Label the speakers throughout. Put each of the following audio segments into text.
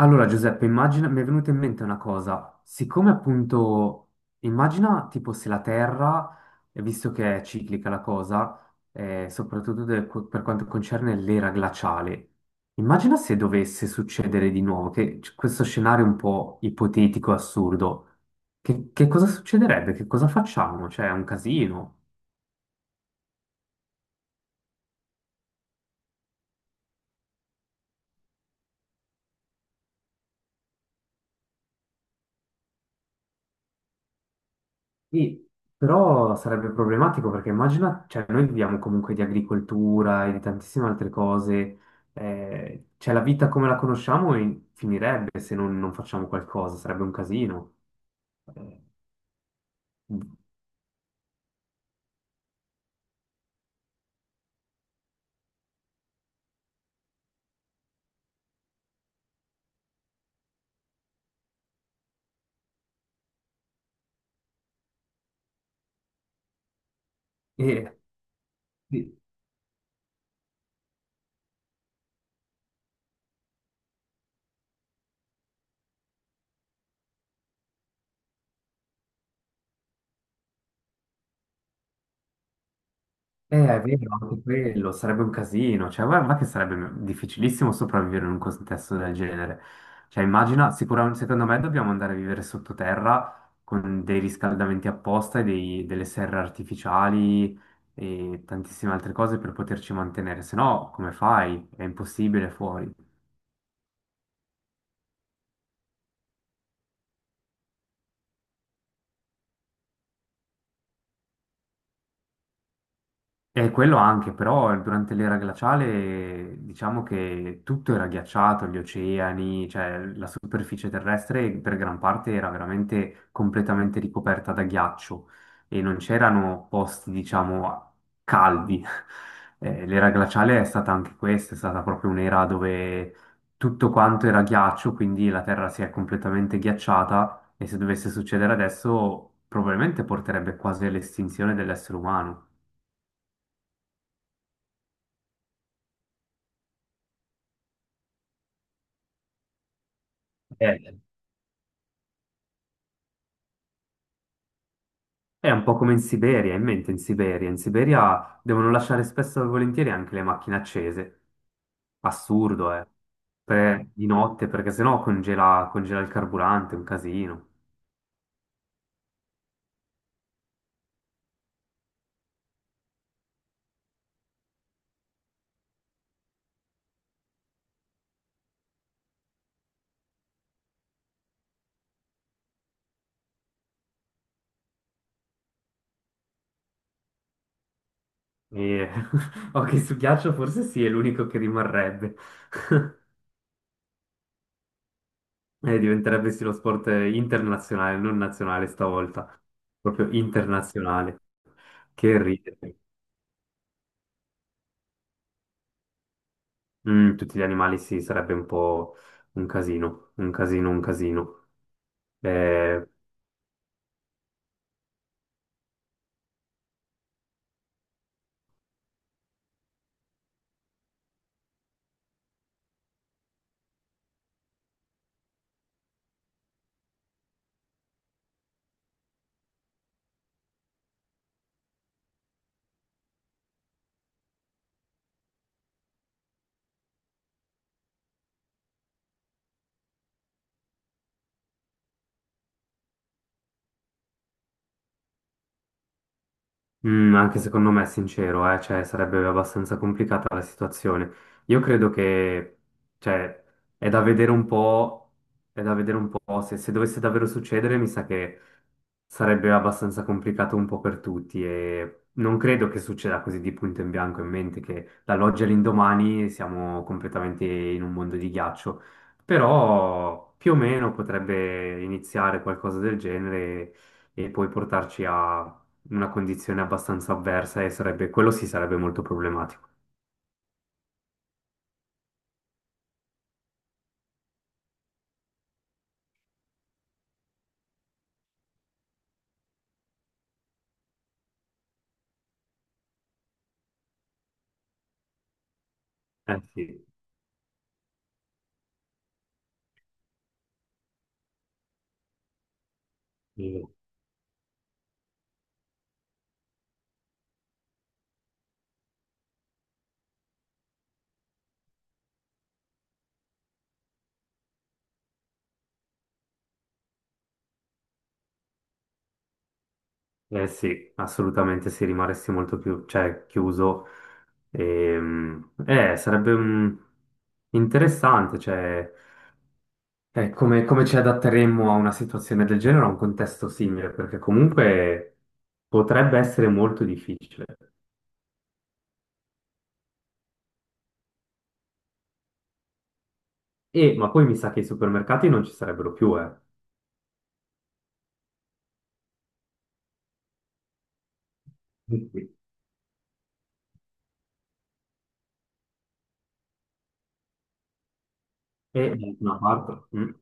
Speaker 1: Allora, Giuseppe, immagina, mi è venuta in mente una cosa. Siccome appunto, immagina tipo se la Terra, visto che è ciclica la cosa, soprattutto per quanto concerne l'era glaciale, immagina se dovesse succedere di nuovo, che questo scenario è un po' ipotetico, assurdo, che cosa succederebbe? Che cosa facciamo? Cioè, è un casino. Sì, però sarebbe problematico perché immagina, cioè noi viviamo comunque di agricoltura e di tantissime altre cose, cioè la vita come la conosciamo finirebbe se non facciamo qualcosa, sarebbe un casino. Eh, E, sì. È vero, anche quello sarebbe un casino, cioè guarda che sarebbe difficilissimo sopravvivere in un contesto del genere. Cioè immagina, sicuramente secondo me dobbiamo andare a vivere sottoterra con dei riscaldamenti apposta e delle serre artificiali e tantissime altre cose per poterci mantenere, se no come fai? È impossibile fuori. E quello anche, però durante l'era glaciale diciamo che tutto era ghiacciato, gli oceani, cioè la superficie terrestre per gran parte era veramente completamente ricoperta da ghiaccio e non c'erano posti, diciamo, caldi. L'era glaciale è stata anche questa, è stata proprio un'era dove tutto quanto era ghiaccio, quindi la Terra si è completamente ghiacciata e se dovesse succedere adesso probabilmente porterebbe quasi all'estinzione dell'essere umano. Eh, È un po' come in Siberia, in mente in Siberia. In Siberia devono lasciare spesso e volentieri anche le macchine accese. Assurdo, eh. Di notte, perché sennò congela, congela il carburante, è un casino. E... Ok, su ghiaccio forse sì, è l'unico che rimarrebbe. E diventerebbe sì lo sport internazionale, non nazionale stavolta. Proprio internazionale. Che ridere. Mm, tutti gli animali sì, sarebbe un po' un casino, un casino, un casino. Eh, Mm, anche secondo me è sincero, cioè, sarebbe abbastanza complicata la situazione. Io credo che, cioè, è da vedere un po', è da vedere un po' se dovesse davvero succedere, mi sa che sarebbe abbastanza complicato un po' per tutti e non credo che succeda così di punto in bianco in mente che dall'oggi all'indomani siamo completamente in un mondo di ghiaccio, però più o meno potrebbe iniziare qualcosa del genere e poi portarci a una condizione abbastanza avversa e sarebbe, quello sì sarebbe molto problematico. Eh sì. Eh sì, assolutamente sì, rimarresti molto più, cioè, chiuso. Sarebbe interessante, cioè, come, come ci adatteremmo a una situazione del genere, a un contesto simile, perché comunque potrebbe essere molto difficile. E, ma poi mi sa che i supermercati non ci sarebbero più, eh. Sì. E da una parte. Mm.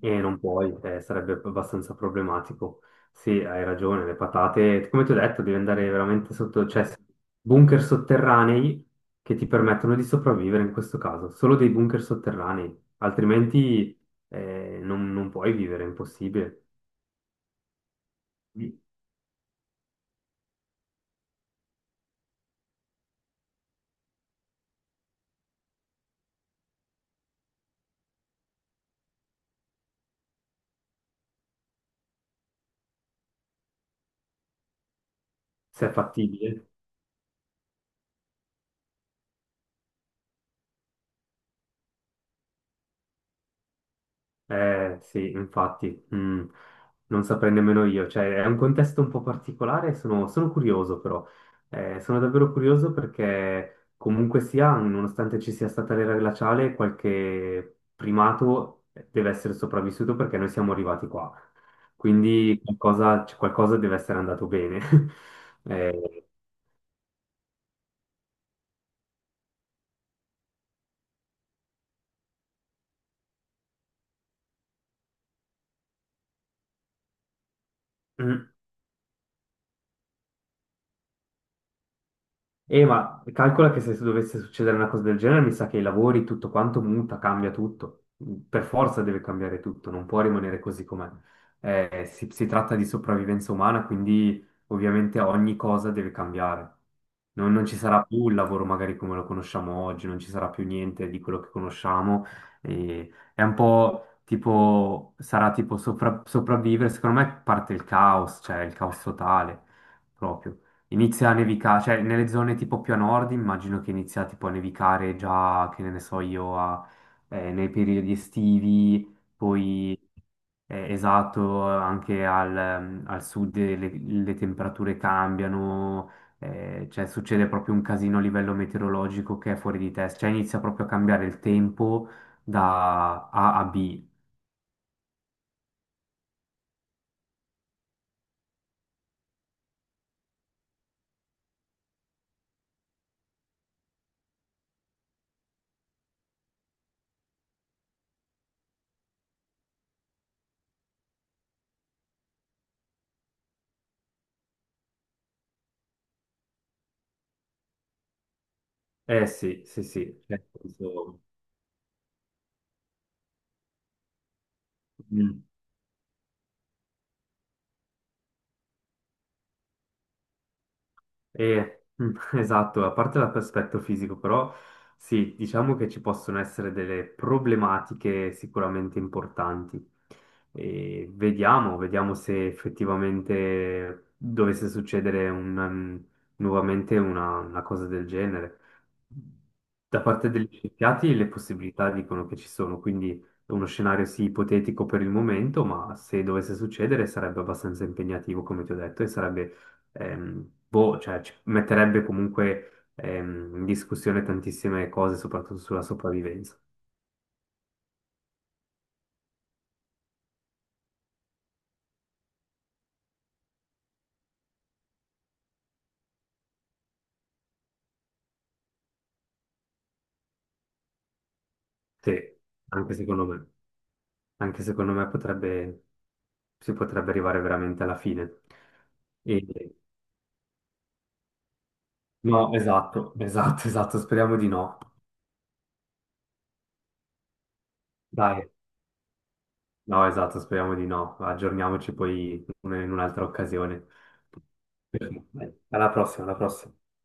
Speaker 1: E non puoi, sarebbe abbastanza problematico. Sì, hai ragione, le patate, come ti ho detto, devi andare veramente sotto, cioè bunker sotterranei che ti permettono di sopravvivere in questo caso, solo dei bunker sotterranei, altrimenti non puoi vivere, è impossibile. Se è fattibile. Eh sì, infatti, mm, non saprei nemmeno io, cioè è un contesto un po' particolare, sono curioso però, eh, sono davvero curioso perché comunque sia, nonostante ci sia stata l'era glaciale, qualche primato deve essere sopravvissuto perché noi siamo arrivati qua, quindi qualcosa, cioè, qualcosa deve essere andato bene. Eh, mm. E ma calcola che se dovesse succedere una cosa del genere, mi sa che i lavori, tutto quanto muta, cambia tutto. Per forza deve cambiare tutto, non può rimanere così com'è. Si, si tratta di sopravvivenza umana, quindi ovviamente ogni cosa deve cambiare. Non ci sarà più il lavoro magari come lo conosciamo oggi, non ci sarà più niente di quello che conosciamo. E è un po' tipo, sarà tipo sopravvivere. Secondo me parte il caos, cioè il caos totale proprio. Inizia a nevicare, cioè nelle zone tipo più a nord immagino che inizia tipo a nevicare già, che ne so io, nei periodi estivi, poi esatto, anche al, al sud le temperature cambiano, cioè succede proprio un casino a livello meteorologico che è fuori di testa, cioè inizia proprio a cambiare il tempo da A a B. Eh sì, sì, sì. Cioè, nel senso, mm. E, mm, esatto, a parte l'aspetto fisico, però sì, diciamo che ci possono essere delle problematiche sicuramente importanti. E vediamo, vediamo se effettivamente dovesse succedere un, nuovamente una cosa del genere. Da parte degli scienziati le possibilità dicono che ci sono, quindi è uno scenario sì ipotetico per il momento, ma se dovesse succedere sarebbe abbastanza impegnativo, come ti ho detto, e sarebbe boh, cioè, ci metterebbe comunque in discussione tantissime cose, soprattutto sulla sopravvivenza. Sì, anche secondo me. Anche secondo me potrebbe, si potrebbe arrivare veramente alla fine. E- No, esatto, esatto, esatto, speriamo di no. Dai, no, esatto, speriamo di no. Aggiorniamoci poi in un'altra occasione. Alla prossima, alla prossima.